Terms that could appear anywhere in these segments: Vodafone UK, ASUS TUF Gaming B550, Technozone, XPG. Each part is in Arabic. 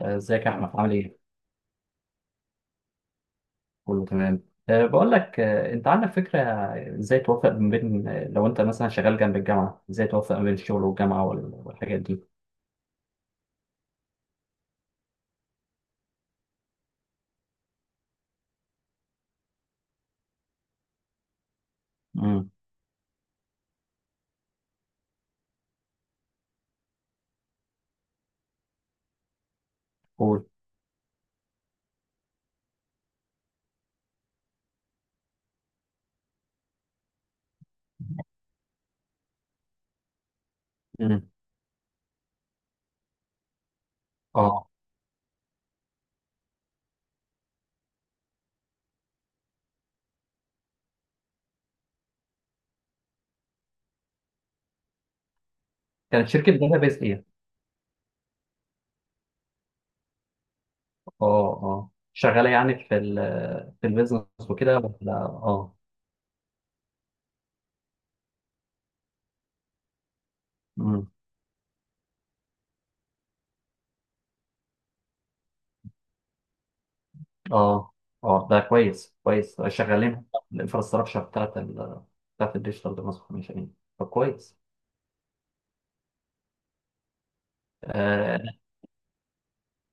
ازيك يا احمد عامل ايه؟ كله تمام. بقول لك، انت عندك فكره ازاي توفق ما بين لو انت مثلا شغال جنب الجامعه، ازاي توفق ما بين الشغل والجامعه والحاجات دي؟ امم، قول. مم. اه، كانت شركه داتابيز ايه؟ اه، اه شغاله يعني في البيزنس وكده ولا اه؟ امم. اه اه، ده كويس كويس، شغالين الانفراستراكشر بتاعت بتاعت الديجيتال ترانسفورميشن. طب كويس. آه،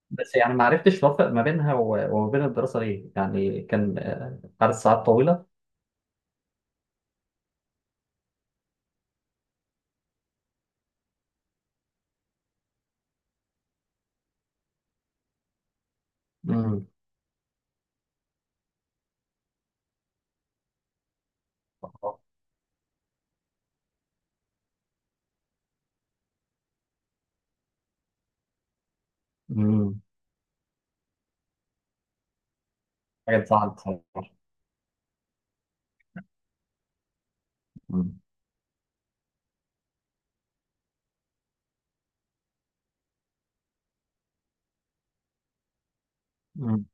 بس يعني ما عرفتش اوفق ما بينها وما بين الدراسه، ليه يعني كان عدد ساعات طويله. امم. امم. حاجه تزعل بصراحه. امم. امم.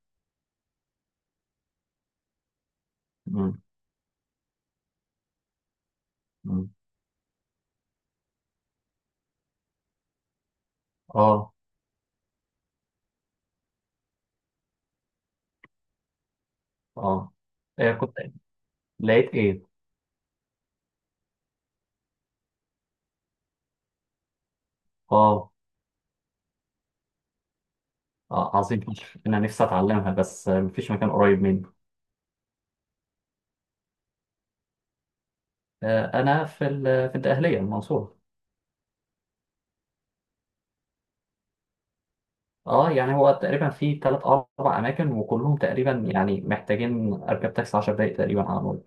امم. أمم. اه. اه، إيه كنت، لقيت ايه؟ اه. اه عظيم فشخ. انا نفسي اتعلمها بس مفيش مكان قريب مني. انا في الدقهليه، المنصوره. اه يعني هو تقريبا في 3 4 اماكن، وكلهم تقريبا يعني محتاجين اركب تاكسي 10 دقائق تقريبا على الأقل.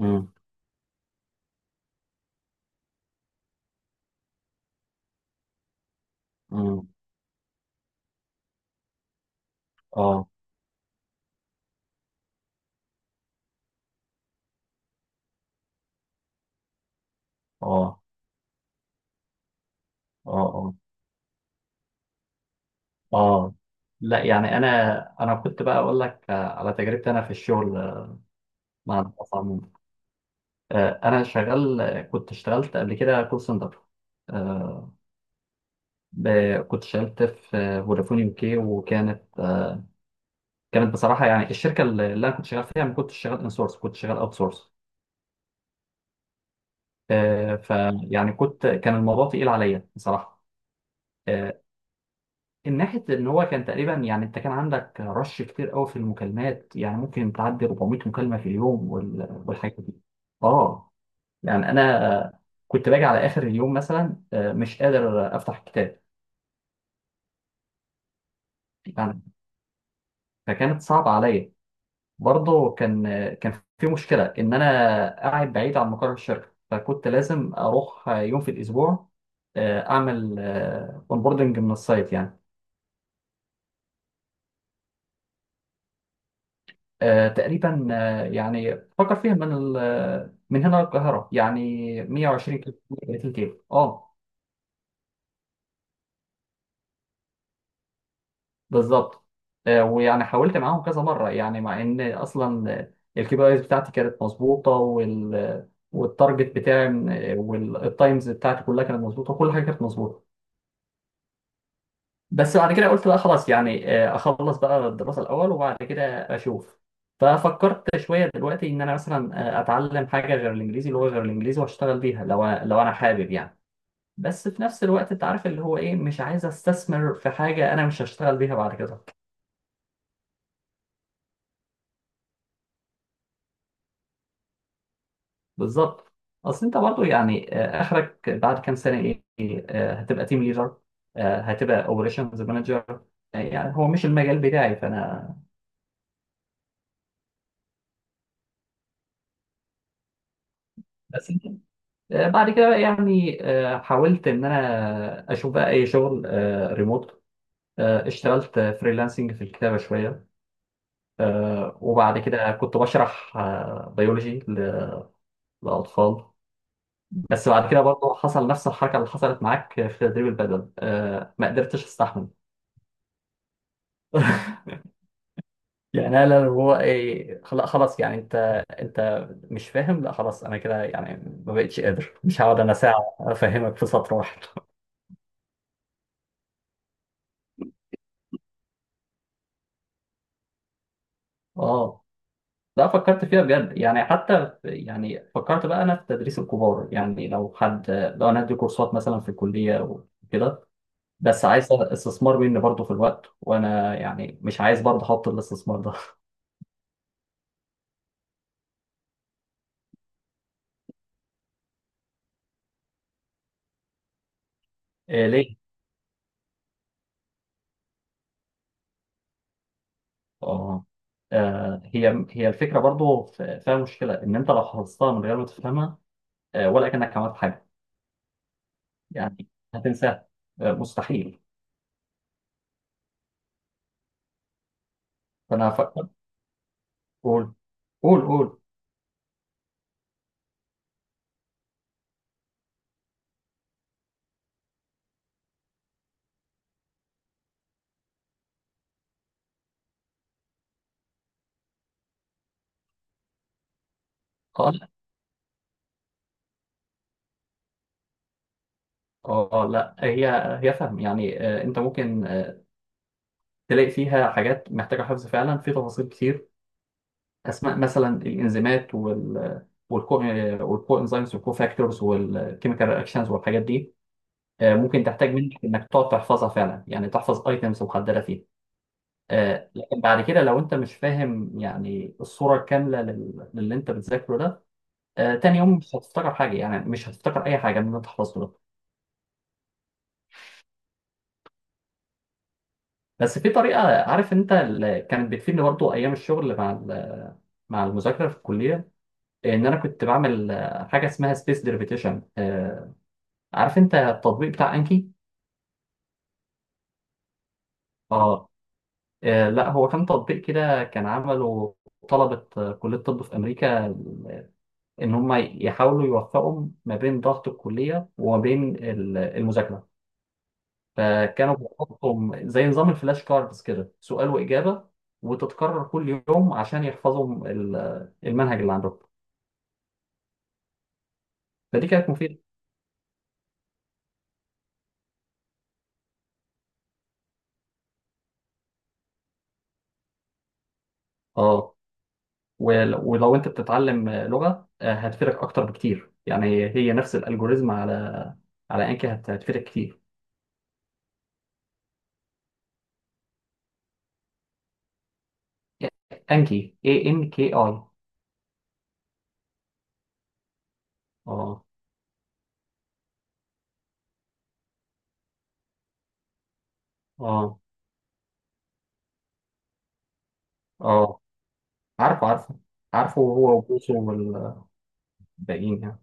امم. امم. اه. اه. اه. اه لا يعني انا، انا كنت بقى اقول لك على تجربتي انا في الشغل، مع الناس عموما. انا شغال، كنت اشتغلت قبل كده كول سنتر. آه، كنت اشتغلت في فودافون يو كي، وكانت كانت بصراحه يعني الشركه اللي انا كنت شغال فيها ما كنتش شغال ان سورس، كنت شغال اوت سورس. فيعني كنت، كان الموضوع تقيل عليا بصراحه. آه، من ناحية إن هو كان تقريبا، يعني أنت كان عندك رش كتير قوي في المكالمات، يعني ممكن تعدي 400 مكالمة في اليوم والحاجات دي. آه، يعني أنا كنت باجي على آخر اليوم مثلا مش قادر أفتح الكتاب يعني. فكانت صعبة عليا. برضه كان كان في مشكلة إن أنا قاعد بعيد عن مقر الشركة، فكنت لازم أروح يوم في الأسبوع، أعمل أونبوردنج من السايت يعني. تقريبا يعني فكر فيها من هنا للقاهرة يعني 120 كيلو، 130 كيلو، اه. بالظبط. ويعني حاولت معاهم كذا مرة يعني، مع ان اصلا الكي بي ايز بتاعتي كانت مظبوطة، وال والتارجت والتايمز بتاعتي كلها كانت مظبوطة، وكل حاجة كانت مظبوطة. بس بعد كده قلت بقى خلاص يعني، اخلص بقى الدراسه الاول وبعد كده اشوف. ففكرت شويه دلوقتي ان انا مثلا اتعلم حاجه غير الانجليزي، لغه غير الانجليزي، واشتغل بيها لو انا حابب يعني. بس في نفس الوقت انت عارف اللي هو ايه، مش عايز استثمر في حاجه انا مش هشتغل بيها بعد كده. بالظبط. اصل انت برضو يعني اخرك بعد كام سنه ايه؟ هتبقى تيم ليدر، هتبقى اوبريشنز مانجر، يعني هو مش المجال بتاعي فانا. بس بعد كده بقى يعني حاولت ان انا اشوف بقى اي شغل ريموت. اشتغلت فريلانسنج في الكتابه شويه. وبعد كده كنت بشرح بيولوجي للاطفال. بس بعد كده برضه حصل نفس الحركه اللي حصلت معاك في تدريب البدل، ما قدرتش استحمل. يعني انا اللي هو ايه، خلاص يعني، انت انت مش فاهم، لا خلاص انا كده يعني، ما بقتش قادر، مش هقعد انا ساعه افهمك في سطر واحد. اه لا فكرت فيها بجد يعني، حتى يعني فكرت بقى انا في تدريس الكبار، يعني لو حد، لو انا ادي كورسات مثلا في الكليه وكده. بس عايز استثمار مني برضه في الوقت، وانا يعني مش عايز برضه احط الاستثمار ده. إيه ليه؟ اه، هي هي الفكره برضه فيها مشكله ان انت لو حفظتها من غير ما تفهمها، ولا كانك عملت حاجه يعني. هتنساها، مستحيل. فانا فكرت. قول قول قول. اه لا. اه، لا هي، هي فهم يعني، انت ممكن تلاقي فيها حاجات محتاجة حفظ فعلا في تفاصيل كتير. أسماء مثلا الإنزيمات، وال والكو، والكو انزيمز، والكو فاكتورز، والكيميكال رياكشنز، والحاجات دي. ممكن تحتاج منك إنك تقعد تحفظها فعلا، يعني تحفظ ايتمز محددة فيها. لكن بعد كده لو أنت مش فاهم يعني الصورة الكاملة للي أنت بتذاكره ده، تاني يوم مش هتفتكر حاجة، يعني مش هتفتكر أي حاجة من اللي أنت حفظته ده. بس في طريقة، عارف أنت اللي كانت بتفيدني برضه أيام الشغل مع المذاكرة في الكلية، ان انا كنت بعمل حاجه اسمها سبيس ديربيتيشن. عارف انت التطبيق بتاع انكي؟ اه، لا هو كان تطبيق كده، كان عمله طلبه كليه الطب في امريكا، ان هم يحاولوا يوفقوا ما بين ضغط الكليه وما بين المذاكره. فكانوا بيحطوا زي نظام الفلاش كاردز كده، سؤال واجابه، وتتكرر كل يوم عشان يحفظوا المنهج اللي عندهم. فدي كانت مفيده. اه، ولو انت بتتعلم لغة هتفيدك اكتر بكتير، يعني هي نفس الالجوريزم على على انكي هتفيدك كتير. انكي، اي ان كي اي. اه. اه. اه عارفه، عارفه هو وبوسو والباقيين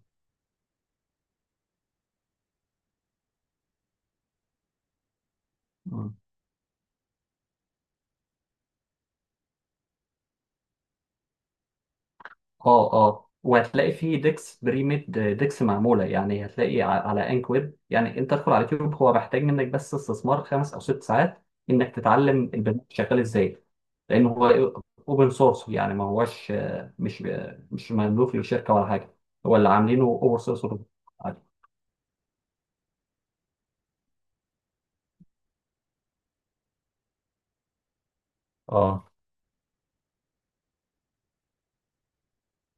يعني. اه. اه، وهتلاقي فيه ديكس، بريميد ديكس معموله يعني، هتلاقي على انك ويب، يعني انت تدخل على اليوتيوب، هو محتاج منك بس استثمار 5 او 6 ساعات انك تتعلم البرنامج شغال ازاي. لان هو اوبن سورس يعني، ما هوش مش مش مملوك للشركه ولا حاجه، هو اللي عاملينه اوبن سورس. عادي. اه.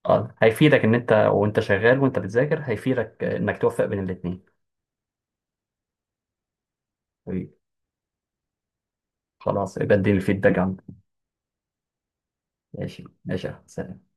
اه هيفيدك ان انت وانت شغال وانت بتذاكر، هيفيدك انك توفق بين الاثنين. خلاص يبقى اديني الفيدباك عنك. ماشي، ماشي يا أحمد.